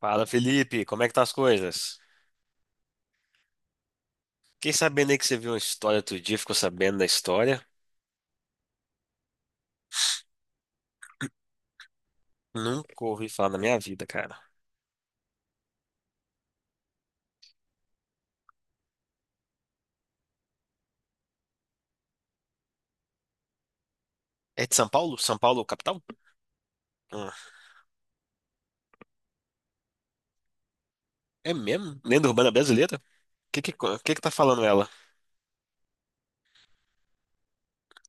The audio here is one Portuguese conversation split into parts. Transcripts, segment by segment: Fala, Felipe, como é que tá as coisas? Fiquei sabendo aí que você viu uma história outro dia, ficou sabendo da história. Nunca ouvi falar na minha vida, cara. É de São Paulo? São Paulo, capital? Ah, é mesmo? Lenda urbana brasileira? O que que tá falando ela?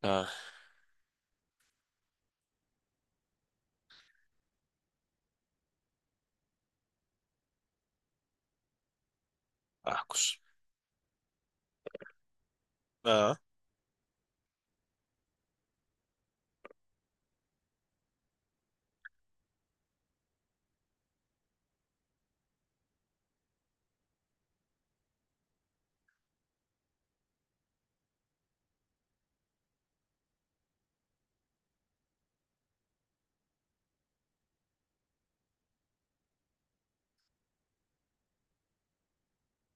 Ah, Arcos. Ah,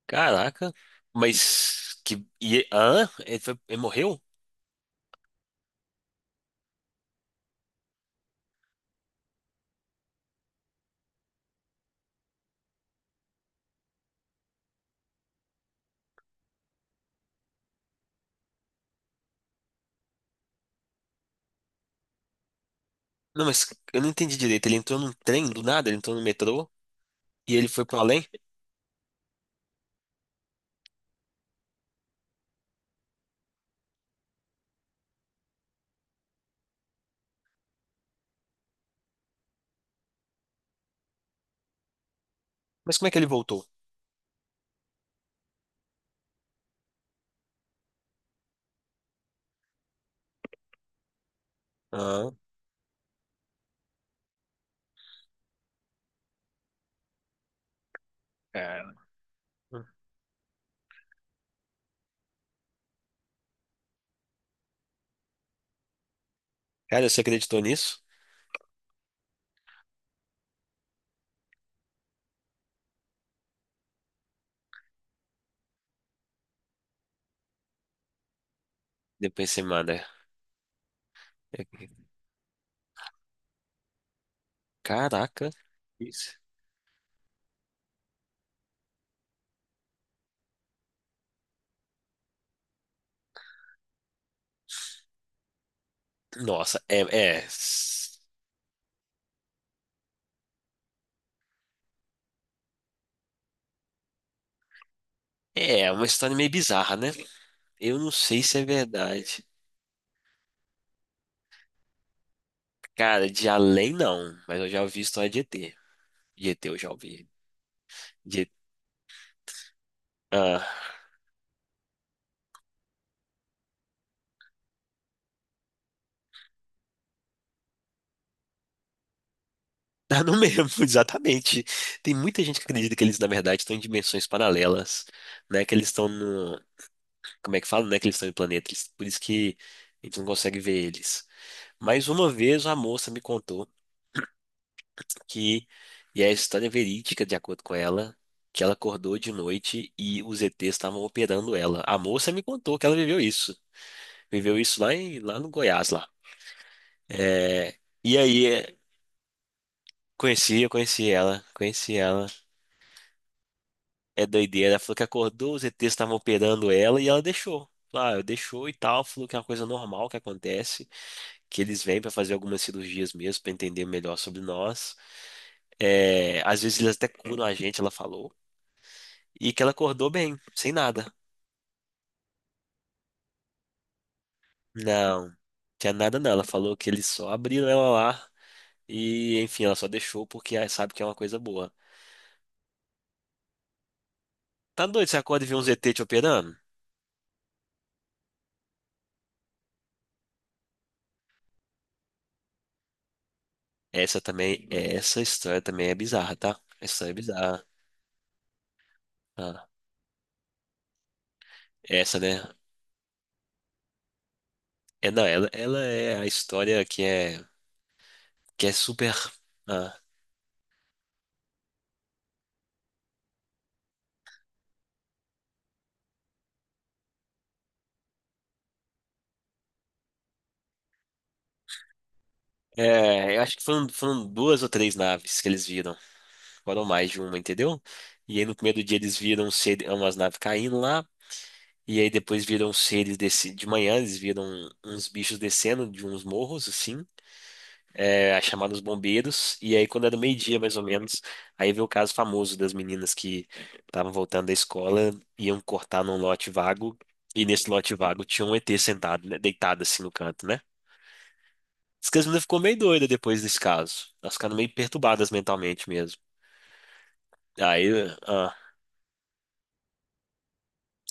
caraca. Mas que... ele morreu? Não, mas eu não entendi direito. Ele entrou num trem do nada, ele entrou no metrô e ele foi pro além? Mas como é que ele voltou? Ah, cara. Cara, você acreditou nisso? Depois você manda. É. Caraca. Isso. Nossa, é, é. É uma história meio bizarra, né? Eu não sei se é verdade. Cara, de além não, mas eu já ouvi história de ET. De ET eu já ouvi. De... Ah, não mesmo, exatamente. Tem muita gente que acredita que eles, na verdade, estão em dimensões paralelas, né? Que eles estão no. Como é que fala, né? Que eles estão em planetas. Por isso que a gente não consegue ver eles. Mas uma vez a moça me contou que e é a história verídica, de acordo com ela, que ela acordou de noite e os ETs estavam operando ela. A moça me contou que ela viveu isso. Viveu isso lá, lá no Goiás, lá. É, e aí, é, conheci, eu conheci ela, conheci ela. É doideira. Ela falou que acordou, os ETs estavam operando ela e ela deixou. Lá, eu deixou e tal, falou que é uma coisa normal que acontece, que eles vêm pra fazer algumas cirurgias mesmo, pra entender melhor sobre nós. É, às vezes eles até curam a gente, ela falou. E que ela acordou bem, sem nada. Não, tinha nada não. Ela falou que eles só abriram ela lá e, enfim, ela só deixou porque ela sabe que é uma coisa boa. Tá doido, você acorda e vê um ZT te operando? Essa também, essa história também é bizarra, tá? Essa história é bizarra. Ah, essa, né? É, não, ela é a história que é super... ah, é, eu acho que foram, foram duas ou três naves que eles viram. Foram mais de uma, entendeu? E aí no primeiro dia eles viram umas naves caindo lá. E aí depois viram os seres desse, de manhã, eles viram uns bichos descendo de uns morros, assim, é, aí chamaram os bombeiros, e aí quando era meio-dia, mais ou menos, aí veio o caso famoso das meninas que estavam voltando da escola, iam cortar num lote vago, e nesse lote vago tinha um ET sentado, né, deitado assim no canto, né? Diz que as meninas ficou meio doida depois desse caso, elas ficaram meio perturbadas mentalmente mesmo. Aí, ah,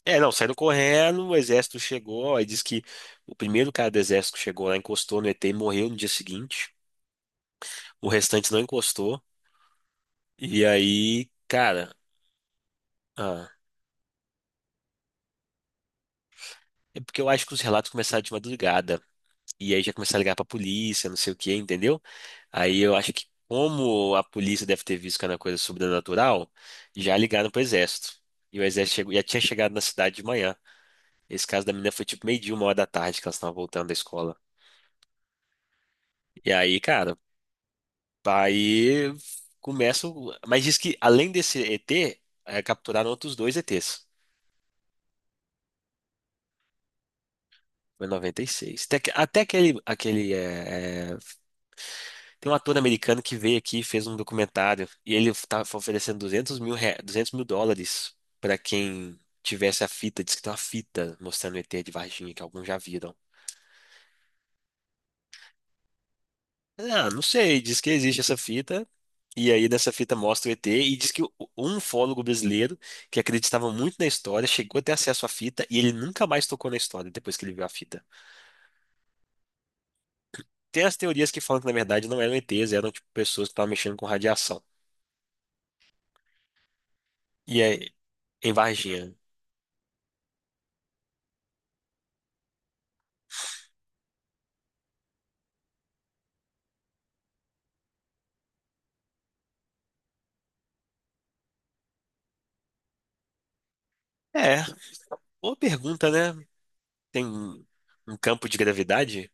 É, não, saíram correndo, o exército chegou, aí diz que o primeiro cara do exército que chegou lá encostou no ET e morreu no dia seguinte. O restante não encostou. E aí, cara, ah, é porque eu acho que os relatos começaram de madrugada. E aí já começaram a ligar pra polícia, não sei o que, entendeu? Aí eu acho que como a polícia deve ter visto que era uma coisa sobrenatural, já ligaram pro exército. E o exército já tinha chegado na cidade de manhã. Esse caso da menina foi tipo meio-dia, 1 hora da tarde que elas estavam voltando da escola. E aí, cara. Aí Mas diz que além desse ET, capturaram outros dois ETs. Foi em 96. Até, até aquele, aquele, tem um ator americano que veio aqui e fez um documentário. E ele estava oferecendo US$ 200.000 para quem tivesse a fita. Diz que tem uma fita mostrando o ET de Varginha, que alguns já viram. Ah, não sei. Diz que existe essa fita. E aí, nessa fita mostra o ET. E diz que um ufólogo brasileiro que acreditava muito na história chegou a ter acesso à fita e ele nunca mais tocou na história depois que ele viu a fita. Tem as teorias que falam que, na verdade, não eram ETs, eram tipo, pessoas que estavam mexendo com radiação. E aí, em Varginha. É, boa pergunta, né? Tem um campo de gravidade?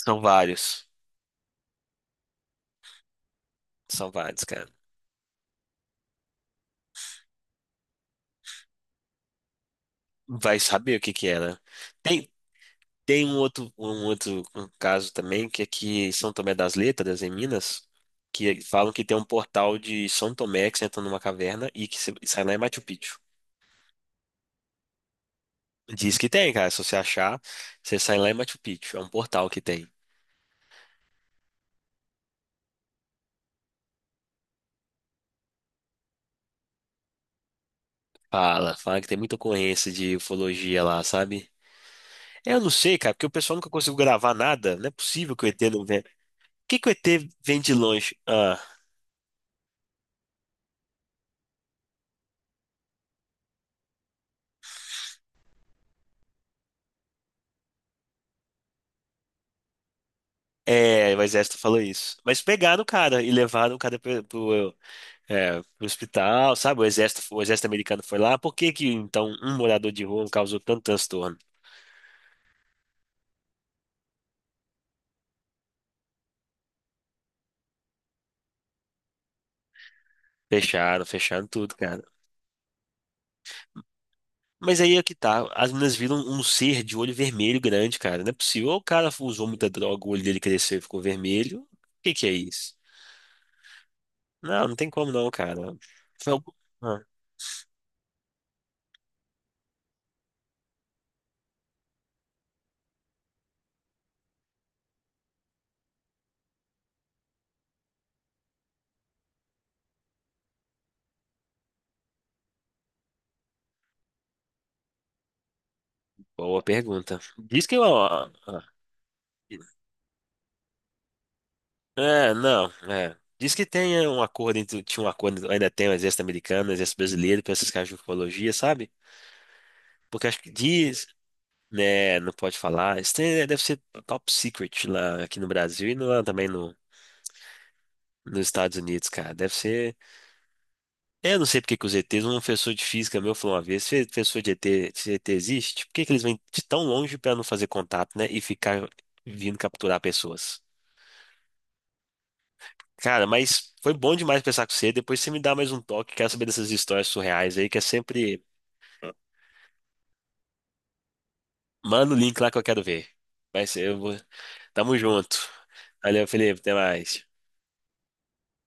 São vários. São vários, cara. Vai saber o que que é, né? Tem. Tem um outro caso também, que é que São Tomé das Letras, em Minas, que é, falam que tem um portal de São Tomé que você entra numa caverna e que você sai lá em Machu Picchu. Diz que tem, cara. Se você achar, você sai lá em Machu Picchu. É um portal que tem. Fala que tem muita ocorrência de ufologia lá, sabe? Eu não sei, cara, porque o pessoal nunca conseguiu gravar nada. Não é possível que o ET não venha. Por que que o ET vem de longe? Ah, é, o exército falou isso. Mas pegaram o cara e levaram o cara pro É, pro hospital, sabe? O exército americano foi lá. Por que que então um morador de rua causou tanto transtorno? Fecharam tudo, cara. Mas aí é que tá. As meninas viram um ser de olho vermelho grande, cara. Não é possível. Ou o cara usou muita droga, o olho dele cresceu e ficou vermelho. O que que é isso? Não, não tem como não, cara. Foi algo- Ah, boa pergunta. Diz que É, não, é. Diz que tem um acordo entre, tinha um acordo, ainda tem o exército americano, o exército brasileiro, para essas caras de ufologia, sabe? Porque acho que diz, né, não pode falar. Né, deve ser top secret lá aqui no Brasil e lá também no, nos Estados Unidos, cara. Deve ser. Eu não sei porque que os ETs, um professor de física meu falou uma vez, se ET existe, por que que eles vêm de tão longe para não fazer contato, né? E ficar vindo capturar pessoas? Cara, mas foi bom demais pensar com você. Depois você me dá mais um toque. Quero saber dessas histórias surreais aí, que é sempre. Manda o link lá que eu quero ver. Mas eu vou. Tamo junto. Valeu, Felipe. Até mais.